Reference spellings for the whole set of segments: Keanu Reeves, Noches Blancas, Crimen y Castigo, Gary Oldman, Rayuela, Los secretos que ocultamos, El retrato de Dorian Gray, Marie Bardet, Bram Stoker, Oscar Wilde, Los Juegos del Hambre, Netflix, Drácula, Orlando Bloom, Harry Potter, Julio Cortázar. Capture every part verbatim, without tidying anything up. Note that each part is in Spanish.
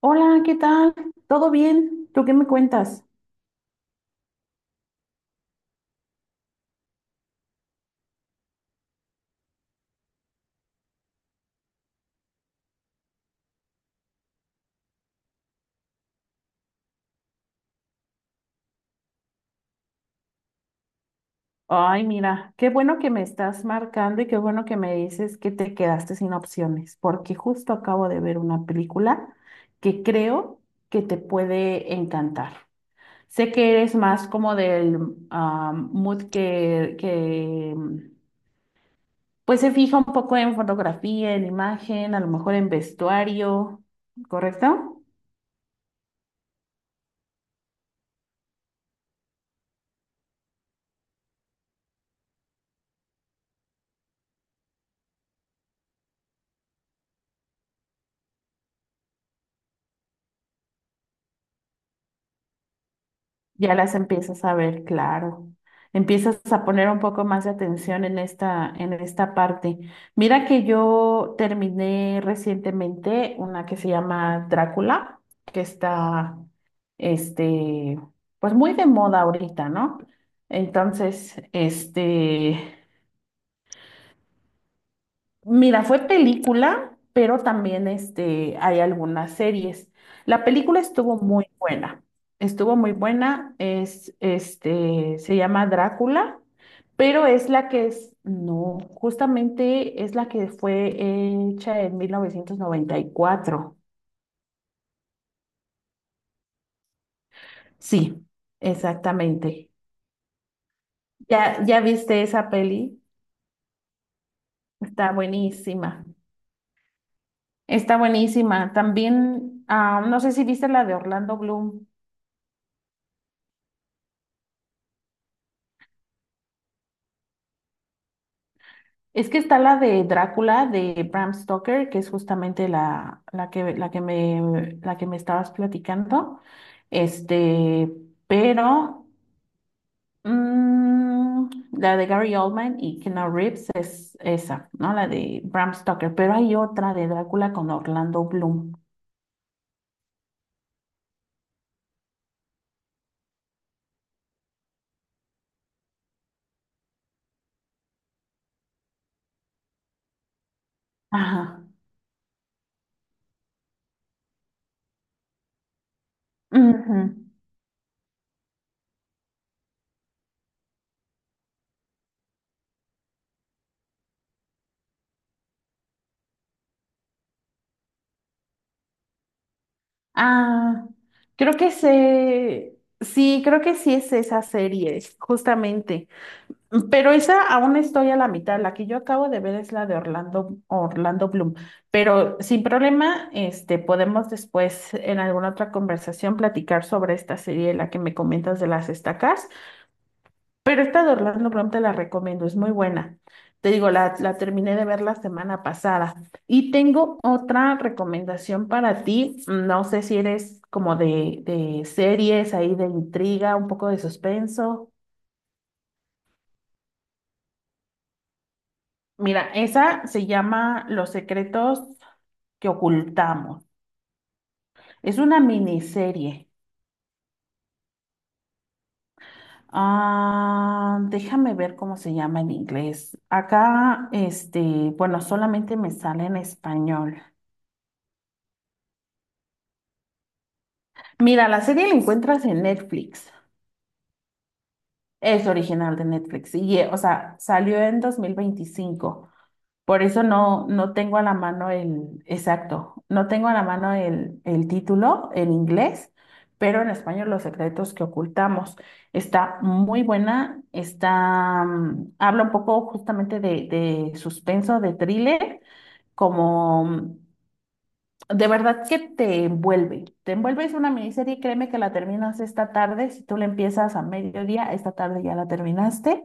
Hola, ¿qué tal? ¿Todo bien? ¿Tú qué me cuentas? Ay, mira, qué bueno que me estás marcando y qué bueno que me dices que te quedaste sin opciones, porque justo acabo de ver una película que creo que te puede encantar. Sé que eres más como del ah, mood que, que mm, pues se fija un poco en fotografía, en imagen, a lo mejor en vestuario, ¿correcto? Ya las empiezas a ver, claro. Empiezas a poner un poco más de atención en esta, en esta parte. Mira que yo terminé recientemente una que se llama Drácula, que está, este, pues muy de moda ahorita, ¿no? Entonces, este, mira, fue película, pero también este, hay algunas series. La película estuvo muy buena. Estuvo muy buena. Es, este, se llama Drácula, pero es la que es, no, justamente es la que fue hecha en mil novecientos noventa y cuatro. Sí, exactamente. ¿Ya, ya viste esa peli? Está buenísima. Está buenísima. También, ah, no sé si viste la de Orlando Bloom. Es que está la de Drácula de Bram Stoker, que es justamente la, la que, la que me, la que me estabas platicando. Este, pero mm, la de Gary Oldman y Keanu Reeves es esa, ¿no? La de Bram Stoker. Pero hay otra de Drácula con Orlando Bloom. Ajá. Ujú. Ah, creo que se, sí, creo que sí es esa serie, justamente. Pero esa aún estoy a la mitad. La que yo acabo de ver es la de Orlando, Orlando Bloom. Pero sin problema, este, podemos después en alguna otra conversación platicar sobre esta serie, la que me comentas de las estacas. Pero esta de Orlando Bloom te la recomiendo, es muy buena. Te digo, la, la terminé de ver la semana pasada. Y tengo otra recomendación para ti. No sé si eres como de, de series ahí, de intriga, un poco de suspenso. Mira, esa se llama Los secretos que ocultamos. Es una miniserie. Ah, déjame ver cómo se llama en inglés. Acá, este, bueno, solamente me sale en español. Mira, la serie la encuentras en Netflix. Es original de Netflix. Y, eh, o sea, salió en dos mil veinticinco. Por eso no, no tengo a la mano el, exacto, no tengo a la mano el, el título en inglés, pero en español Los secretos que ocultamos. Está muy buena, está, mm, habla un poco justamente de, de suspenso, de thriller, como mm, de verdad que te envuelve. Te envuelve, es una miniserie, créeme que la terminas esta tarde, si tú la empiezas a mediodía, esta tarde ya la terminaste.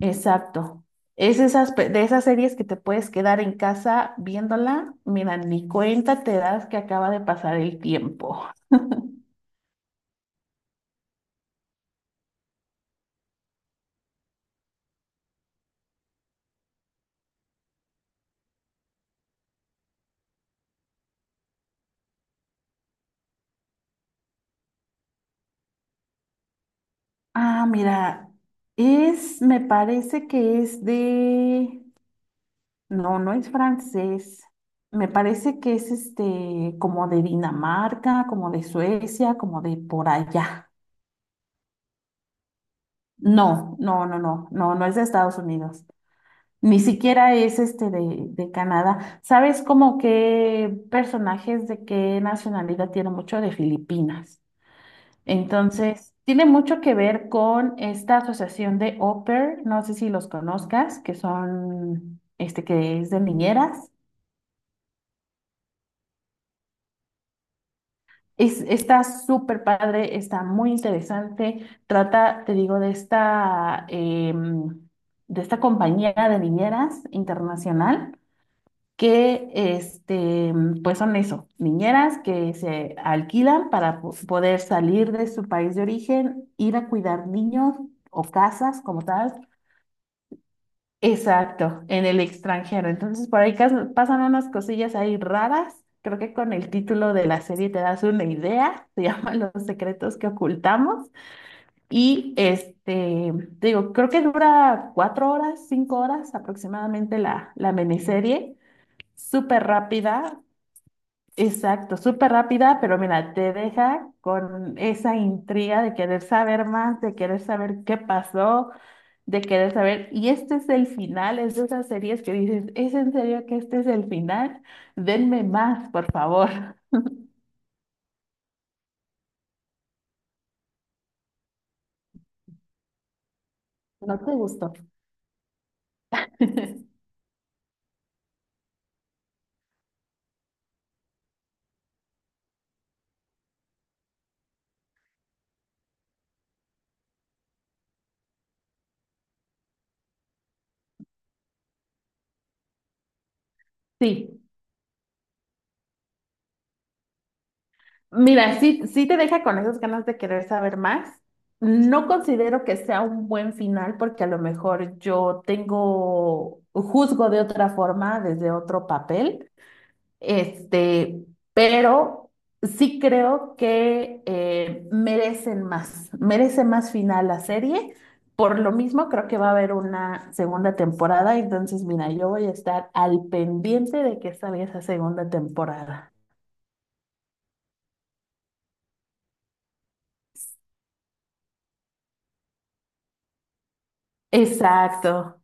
Exacto. Es esas, pe- de esas series que te puedes quedar en casa viéndola. Mira, ni cuenta te das que acaba de pasar el tiempo. Ah, mira, es, me parece que es de, no, no es francés. Me parece que es este, como de Dinamarca, como de Suecia, como de por allá. No, no, no, no, no, no es de Estados Unidos. Ni siquiera es este de, de Canadá. ¿Sabes como qué personajes de qué nacionalidad tiene mucho de Filipinas? Entonces, tiene mucho que ver con esta asociación de au pair, no sé si los conozcas, que son, este, que es de niñeras. Es, está súper padre, está muy interesante. Trata, te digo, de esta, em, de esta compañía de niñeras internacional que este, pues son eso, niñeras que se alquilan para po- poder salir de su país de origen, ir a cuidar niños o casas como tal. Exacto, en el extranjero. Entonces por ahí cas- pasan unas cosillas ahí raras. Creo que con el título de la serie te das una idea. Se llama Los secretos que ocultamos. Y este, te digo, creo que dura cuatro horas, cinco horas aproximadamente la, la miniserie súper rápida, exacto, súper rápida, pero mira, te deja con esa intriga de querer saber más, de querer saber qué pasó, de querer saber, y este es el final, es de esas series que dices, ¿es en serio que este es el final? Denme más, por favor. ¿No te gustó? Sí, mira, sí, sí te deja con esas ganas de querer saber más. No considero que sea un buen final porque a lo mejor yo tengo, juzgo de otra forma, desde otro papel. Este, pero sí creo que eh, merecen más, merece más final la serie. Por lo mismo, creo que va a haber una segunda temporada. Entonces, mira, yo voy a estar al pendiente de que salga esa segunda temporada. Exacto.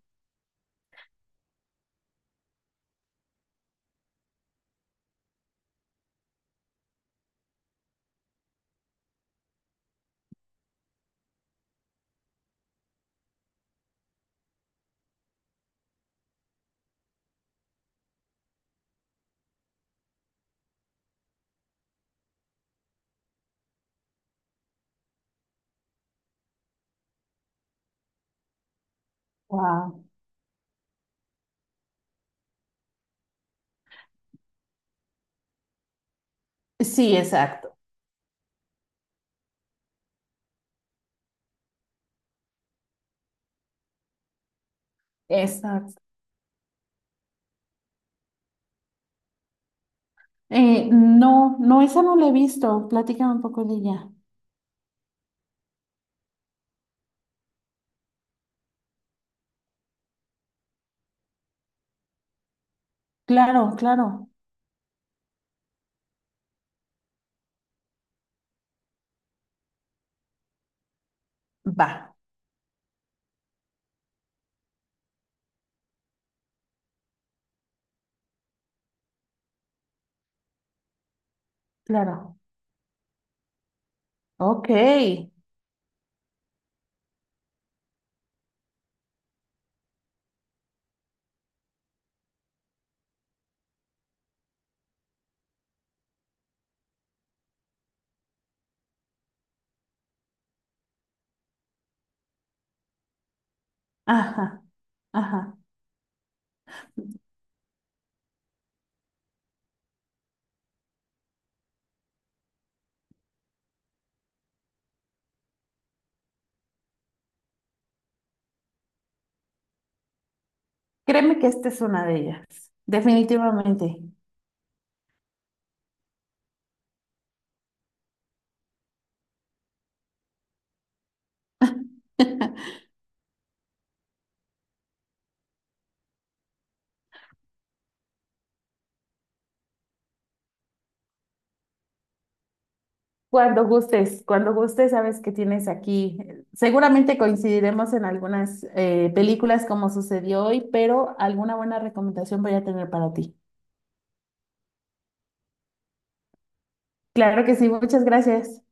Wow. Sí, exacto. Exacto. Eh, no, no, esa no la he visto. Platícame un poco de ella. Claro, claro. Va, claro. Ok. Ajá, ajá. Créeme que esta es una de ellas, definitivamente. Cuando gustes, cuando gustes, sabes que tienes aquí. Seguramente coincidiremos en algunas eh, películas como sucedió hoy, pero alguna buena recomendación voy a tener para ti. Claro que sí, muchas gracias.